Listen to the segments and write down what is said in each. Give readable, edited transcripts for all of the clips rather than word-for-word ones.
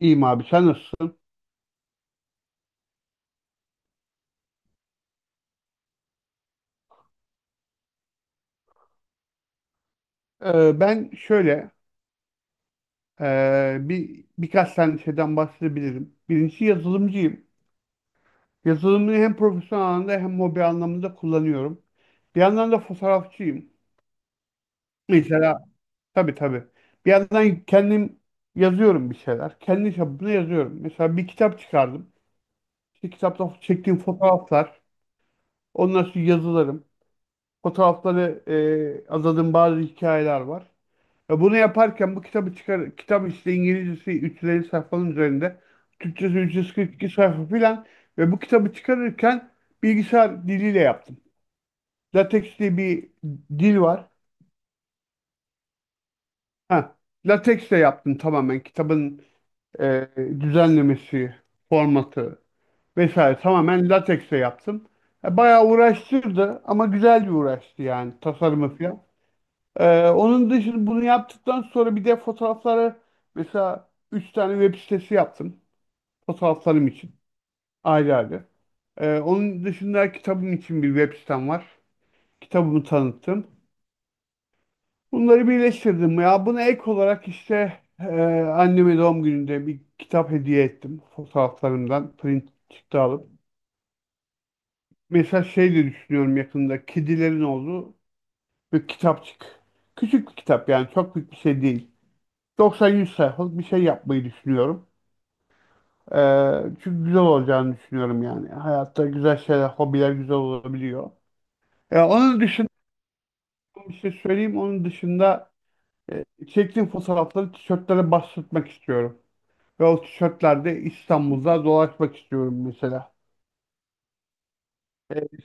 İyiyim abi sen nasılsın? Ben şöyle, birkaç tane şeyden bahsedebilirim. Birincisi yazılımcıyım. Yazılımı hem profesyonel anlamda hem hobi anlamında kullanıyorum. Bir yandan da fotoğrafçıyım. Mesela tabii tabii. Bir yandan kendim yazıyorum bir şeyler. Kendi çapımda yazıyorum. Mesela bir kitap çıkardım. İşte kitapta çektiğim fotoğraflar, ondan sonra yazılarım. Fotoğrafları azadığım bazı hikayeler var. Ve bunu yaparken bu kitap işte İngilizcesi 350 sayfanın üzerinde, Türkçesi 342 sayfa filan ve bu kitabı çıkarırken bilgisayar diliyle yaptım. LaTeX diye bir dil var. Ha, LaTeX ile yaptım tamamen kitabın e, düzenlemesi, formatı vesaire tamamen LaTeX ile yaptım. Bayağı uğraştırdı ama güzel bir uğraştı yani tasarımı filan. Onun dışında bunu yaptıktan sonra bir de fotoğrafları mesela 3 tane web sitesi yaptım. Fotoğraflarım için ayrı ayrı. Onun dışında kitabım için bir web sitem var. Kitabımı tanıttım. Bunları birleştirdim. Ya buna ek olarak işte anneme doğum gününde bir kitap hediye ettim. Fotoğraflarımdan print çıktı alıp. Mesela şey de düşünüyorum yakında kedilerin olduğu bir kitapçık. Küçük bir kitap yani çok büyük bir şey değil. 90-100 sayfalık bir şey yapmayı düşünüyorum. Çünkü güzel olacağını düşünüyorum yani. Hayatta güzel şeyler, hobiler güzel olabiliyor. Onun dışında bir şey söyleyeyim. Onun dışında çektiğim fotoğrafları tişörtlere bastırmak istiyorum. Ve o tişörtlerde İstanbul'da dolaşmak istiyorum mesela. Ee,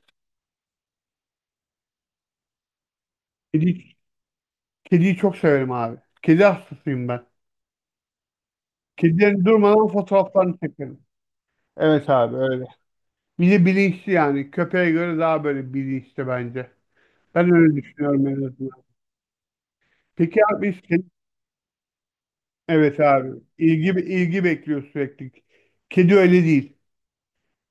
kedi, kediyi çok severim abi. Kedi hastasıyım ben. Kedilerin durmadan fotoğraflarını çekerim. Evet abi öyle. Bir de bilinçli yani. Köpeğe göre daha böyle bilinçli bence. Ben öyle düşünüyorum en azından. Peki abi senin. Evet abi. İlgi bekliyor sürekli. Kedi öyle değil.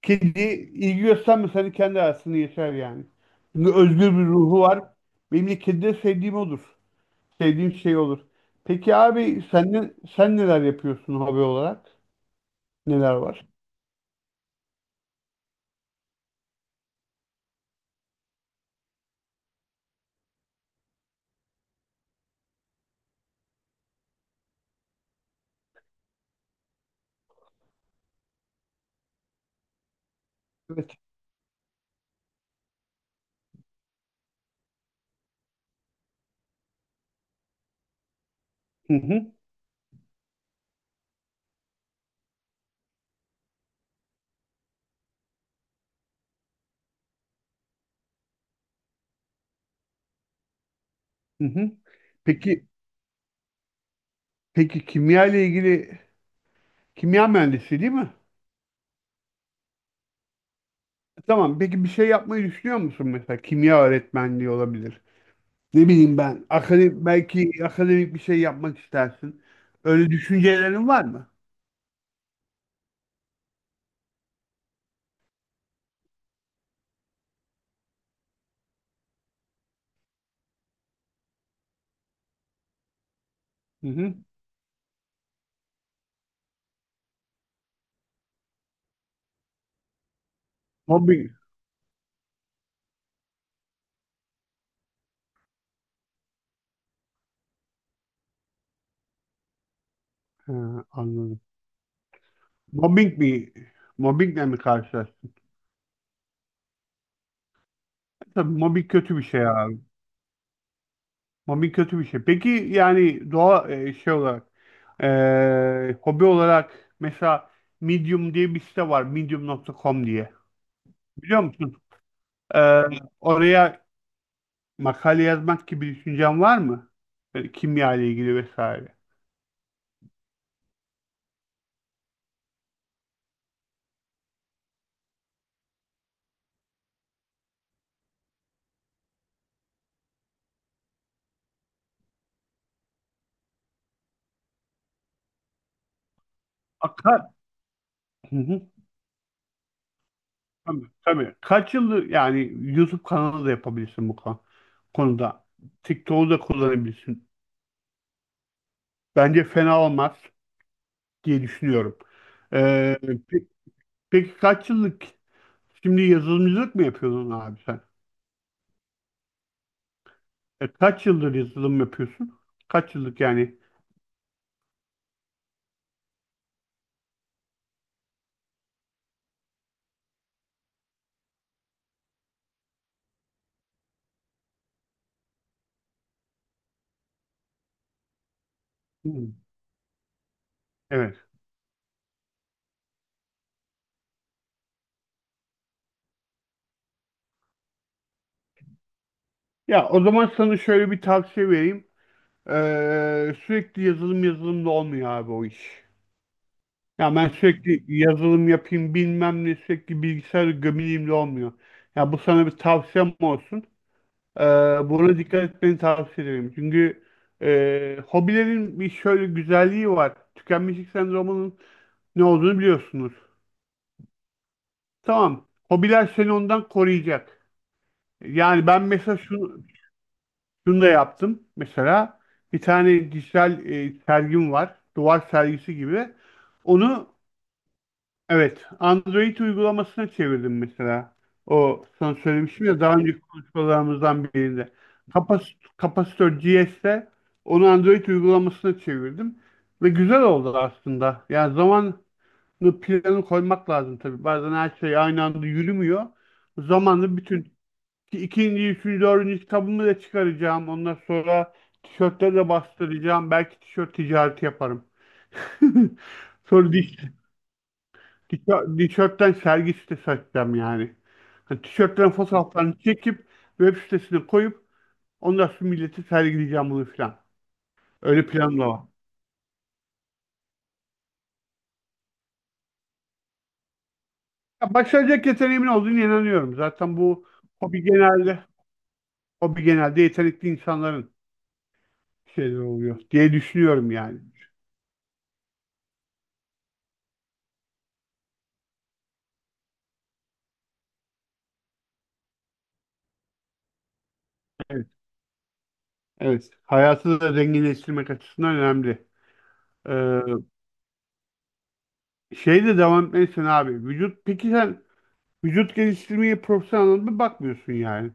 Kedi ilgi göstermese hani kendi arasında yeter yani. Çünkü özgür bir ruhu var. Benim de kedide sevdiğim odur. Sevdiğim şey olur. Peki abi sen neler yapıyorsun hobi olarak? Neler var? Evet. Hı hı, hı hı. Peki, peki kimya ile ilgili kimya mühendisi değil mi? Tamam. Peki bir şey yapmayı düşünüyor musun mesela? Kimya öğretmenliği olabilir. Ne bileyim ben. Akademik, belki akademik bir şey yapmak istersin. Öyle düşüncelerin var mı? Hı hı. Mobbing. Ha, anladım. Mobbing mi? Mobbingle mi karşılaştın? Tabii mobbing kötü bir şey abi. Mobbing kötü bir şey. Peki yani doğa şey olarak hobi olarak mesela Medium diye bir site var. Medium.com diye. Biliyor musun? E, Oraya makale yazmak gibi bir düşüncen var mı? Böyle kimya ile ilgili vesaire. Akar. Hı hı. Tabii, tabii. Kaç yıldır yani YouTube kanalı da yapabilirsin bu konuda. TikTok'u da kullanabilirsin. Bence fena olmaz diye düşünüyorum. Ee, pe- peki kaç yıllık. Şimdi yazılımcılık mı yapıyorsun abi sen? Kaç yıldır yazılım yapıyorsun? Kaç yıllık yani? Hmm, evet. Ya o zaman sana şöyle bir tavsiye vereyim. Sürekli yazılım yazılımda olmuyor abi o iş. Ya ben sürekli yazılım yapayım bilmem ne sürekli bilgisayar gömüleyim de olmuyor. Ya bu sana bir tavsiyem olsun. Ee, Buna dikkat etmeni tavsiye ederim. Çünkü hobilerin bir şöyle güzelliği var. Tükenmişlik sendromunun ne olduğunu biliyorsunuz. Tamam. Hobiler seni ondan koruyacak. Yani ben mesela şunu da yaptım. Mesela bir tane dijital sergim var. Duvar sergisi gibi. Onu, evet, Android uygulamasına çevirdim mesela. O sana söylemiştim ya daha önceki konuşmalarımızdan birinde. Kapas kapasitör GS'te onu Android uygulamasına çevirdim ve güzel oldu aslında. Yani zamanlı planı koymak lazım tabii. Bazen her şey aynı anda yürümüyor. Zamanlı bütün ikinci, üçüncü, dördüncü kitabımı da çıkaracağım. Ondan sonra tişörtleri de bastıracağım. Belki tişört ticareti yaparım. Sonra tişörtten sergi sitesi açacağım yani. Hani tişörtlerin fotoğraflarını çekip web sitesine koyup ondan sonra milleti sergileyeceğim bunu filan. Öyle planım da var. Ya başaracak yeteneğimin olduğunu inanıyorum. Zaten bu hobi genelde hobi genelde yetenekli insanların şeyleri oluyor diye düşünüyorum yani. Evet. Evet. Hayatı da zenginleştirmek açısından önemli. Ee, Şeyle devam etmelisin abi. Peki sen vücut geliştirmeye profesyonel anlamda bakmıyorsun yani.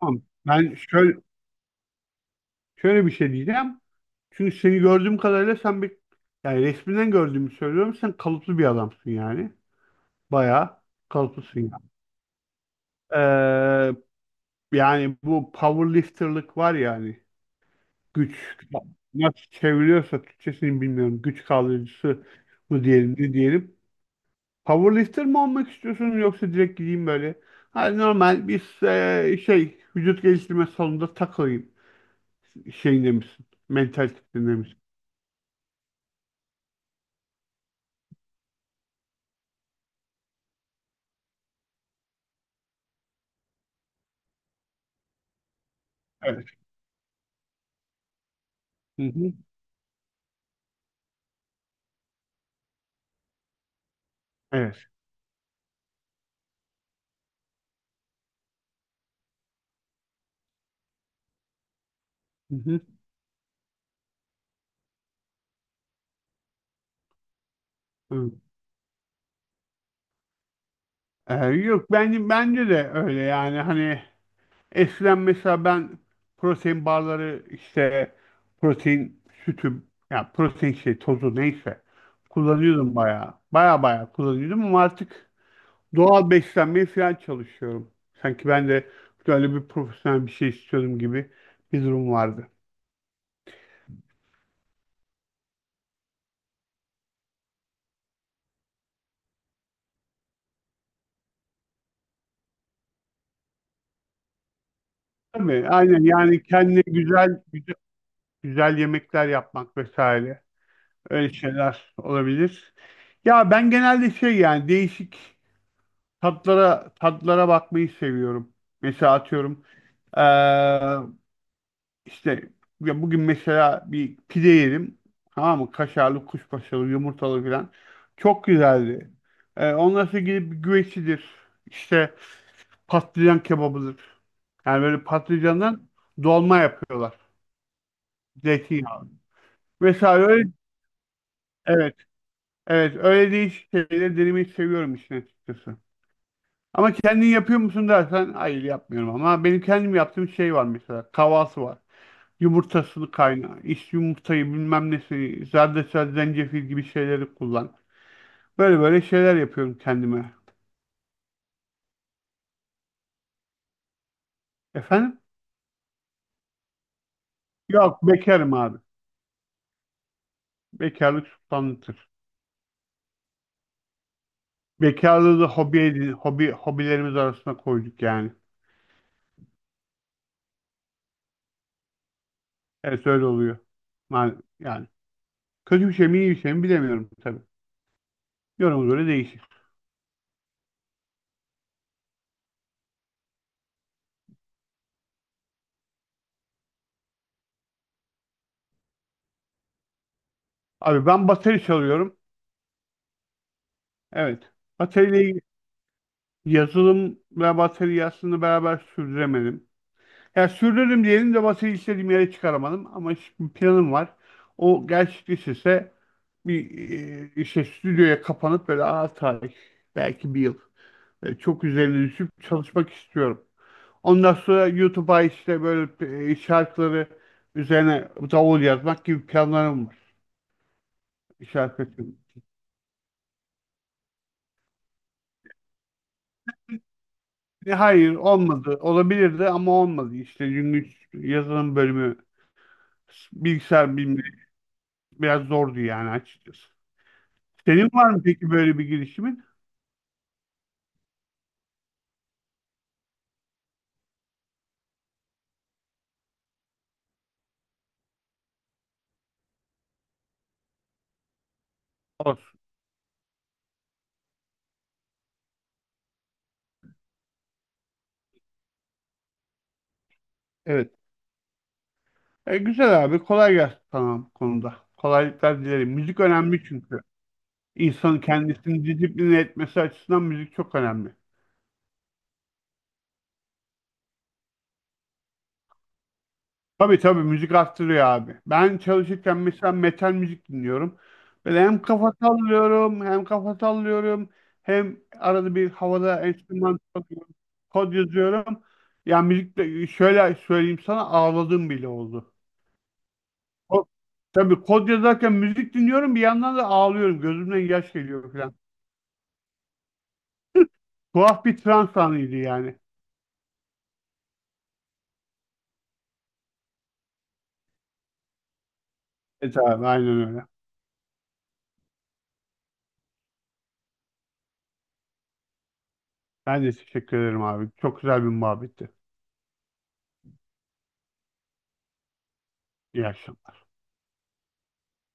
Tamam. Ben şöyle bir şey diyeceğim. Çünkü seni gördüğüm kadarıyla sen bir yani resminden gördüğümü söylüyorum. Sen kalıplı bir adamsın yani. Bayağı kalıplısın yani. Ee, Yani bu powerlifterlık var yani. Güç nasıl çeviriyorsa Türkçesini bilmiyorum. Güç kaldırıcısı mı diyelim ne diyelim. Powerlifter mi olmak istiyorsun yoksa direkt gideyim böyle. Hani normal bir şey vücut geliştirme salonunda takılayım şeyinde misin? Mentalitesinde misin? Evet. Hı hı. Evet. Hı hı. Hı. Yok bence de öyle yani hani eskiden mesela ben protein barları işte protein sütü ya protein şey tozu neyse kullanıyordum bayağı. Baya baya kullanıyordum ama artık doğal beslenmeye falan çalışıyorum. Sanki ben de böyle bir profesyonel bir şey istiyordum gibi bir durum vardı. Tabii aynen yani kendine güzel güzel, güzel yemekler yapmak vesaire öyle şeyler olabilir. Ya ben genelde şey yani değişik tatlara tatlara bakmayı seviyorum. Mesela atıyorum eee, işte ya bugün mesela bir pide yedim. Tamam mı? Kaşarlı, kuşbaşılı, yumurtalı falan. Çok güzeldi. Ondan sonra gidip bir güvecidir. İşte patlıcan kebabıdır. Yani böyle patlıcandan dolma yapıyorlar. Zeytinyağı. Mesela öyle evet. Evet öyle değişik şeyleri denemeyi seviyorum işin açıkçası. Ama kendin yapıyor musun dersen hayır yapmıyorum ama benim kendim yaptığım şey var mesela tavası var. Yumurtasını kayna, iç yumurtayı bilmem nesi, zerdeçal, zencefil gibi şeyleri kullan. Böyle böyle şeyler yapıyorum kendime. Efendim? Yok bekarım abi. Bekarlık sultanlıktır. Bekarlığı da hobi edin, hobi, hobilerimiz arasına koyduk yani. Evet öyle oluyor. Yani kötü bir şey mi iyi bir şey mi bilemiyorum tabii. Yoruma göre değişir. Abi ben bateri çalıyorum. Evet. Bateriyle Yazılım ve bataryasını beraber sürdüremedim. Ya sürdürdüm diyelim de bataryayı istediğim yere çıkaramadım. Ama şimdi planım var. O gerçekleşirse bir işte stüdyoya kapanıp böyle ağır tarih belki bir yıl çok üzerine düşüp çalışmak istiyorum. Ondan sonra YouTube'a işte böyle şarkıları üzerine davul yazmak gibi planlarım var. Şarkı. İçin. Hayır olmadı. Olabilirdi ama olmadı. İşte çünkü yazılım bölümü bilgisayar bilimleri biraz zordu yani açıkçası. Senin var mı peki böyle bir girişimin? Olsun. Evet. Güzel abi. Kolay gelsin sana bu konuda. Kolaylıklar dilerim. Müzik önemli çünkü. İnsanın kendisini disipline etmesi açısından müzik çok önemli. Tabii tabii müzik arttırıyor abi. Ben çalışırken mesela metal müzik dinliyorum. Böyle hem kafa sallıyorum hem arada bir havada enstrüman çalıyorum, kod yazıyorum. Ya müzik de şöyle söyleyeyim sana ağladığım bile oldu. Ko- Tabii kod yazarken müzik dinliyorum bir yandan da ağlıyorum. Gözümden yaş geliyor falan. Tuhaf bir trans anıydı yani. Evet abi aynen öyle. Ben de teşekkür ederim abi. Çok güzel bir muhabbetti. İyi akşamlar.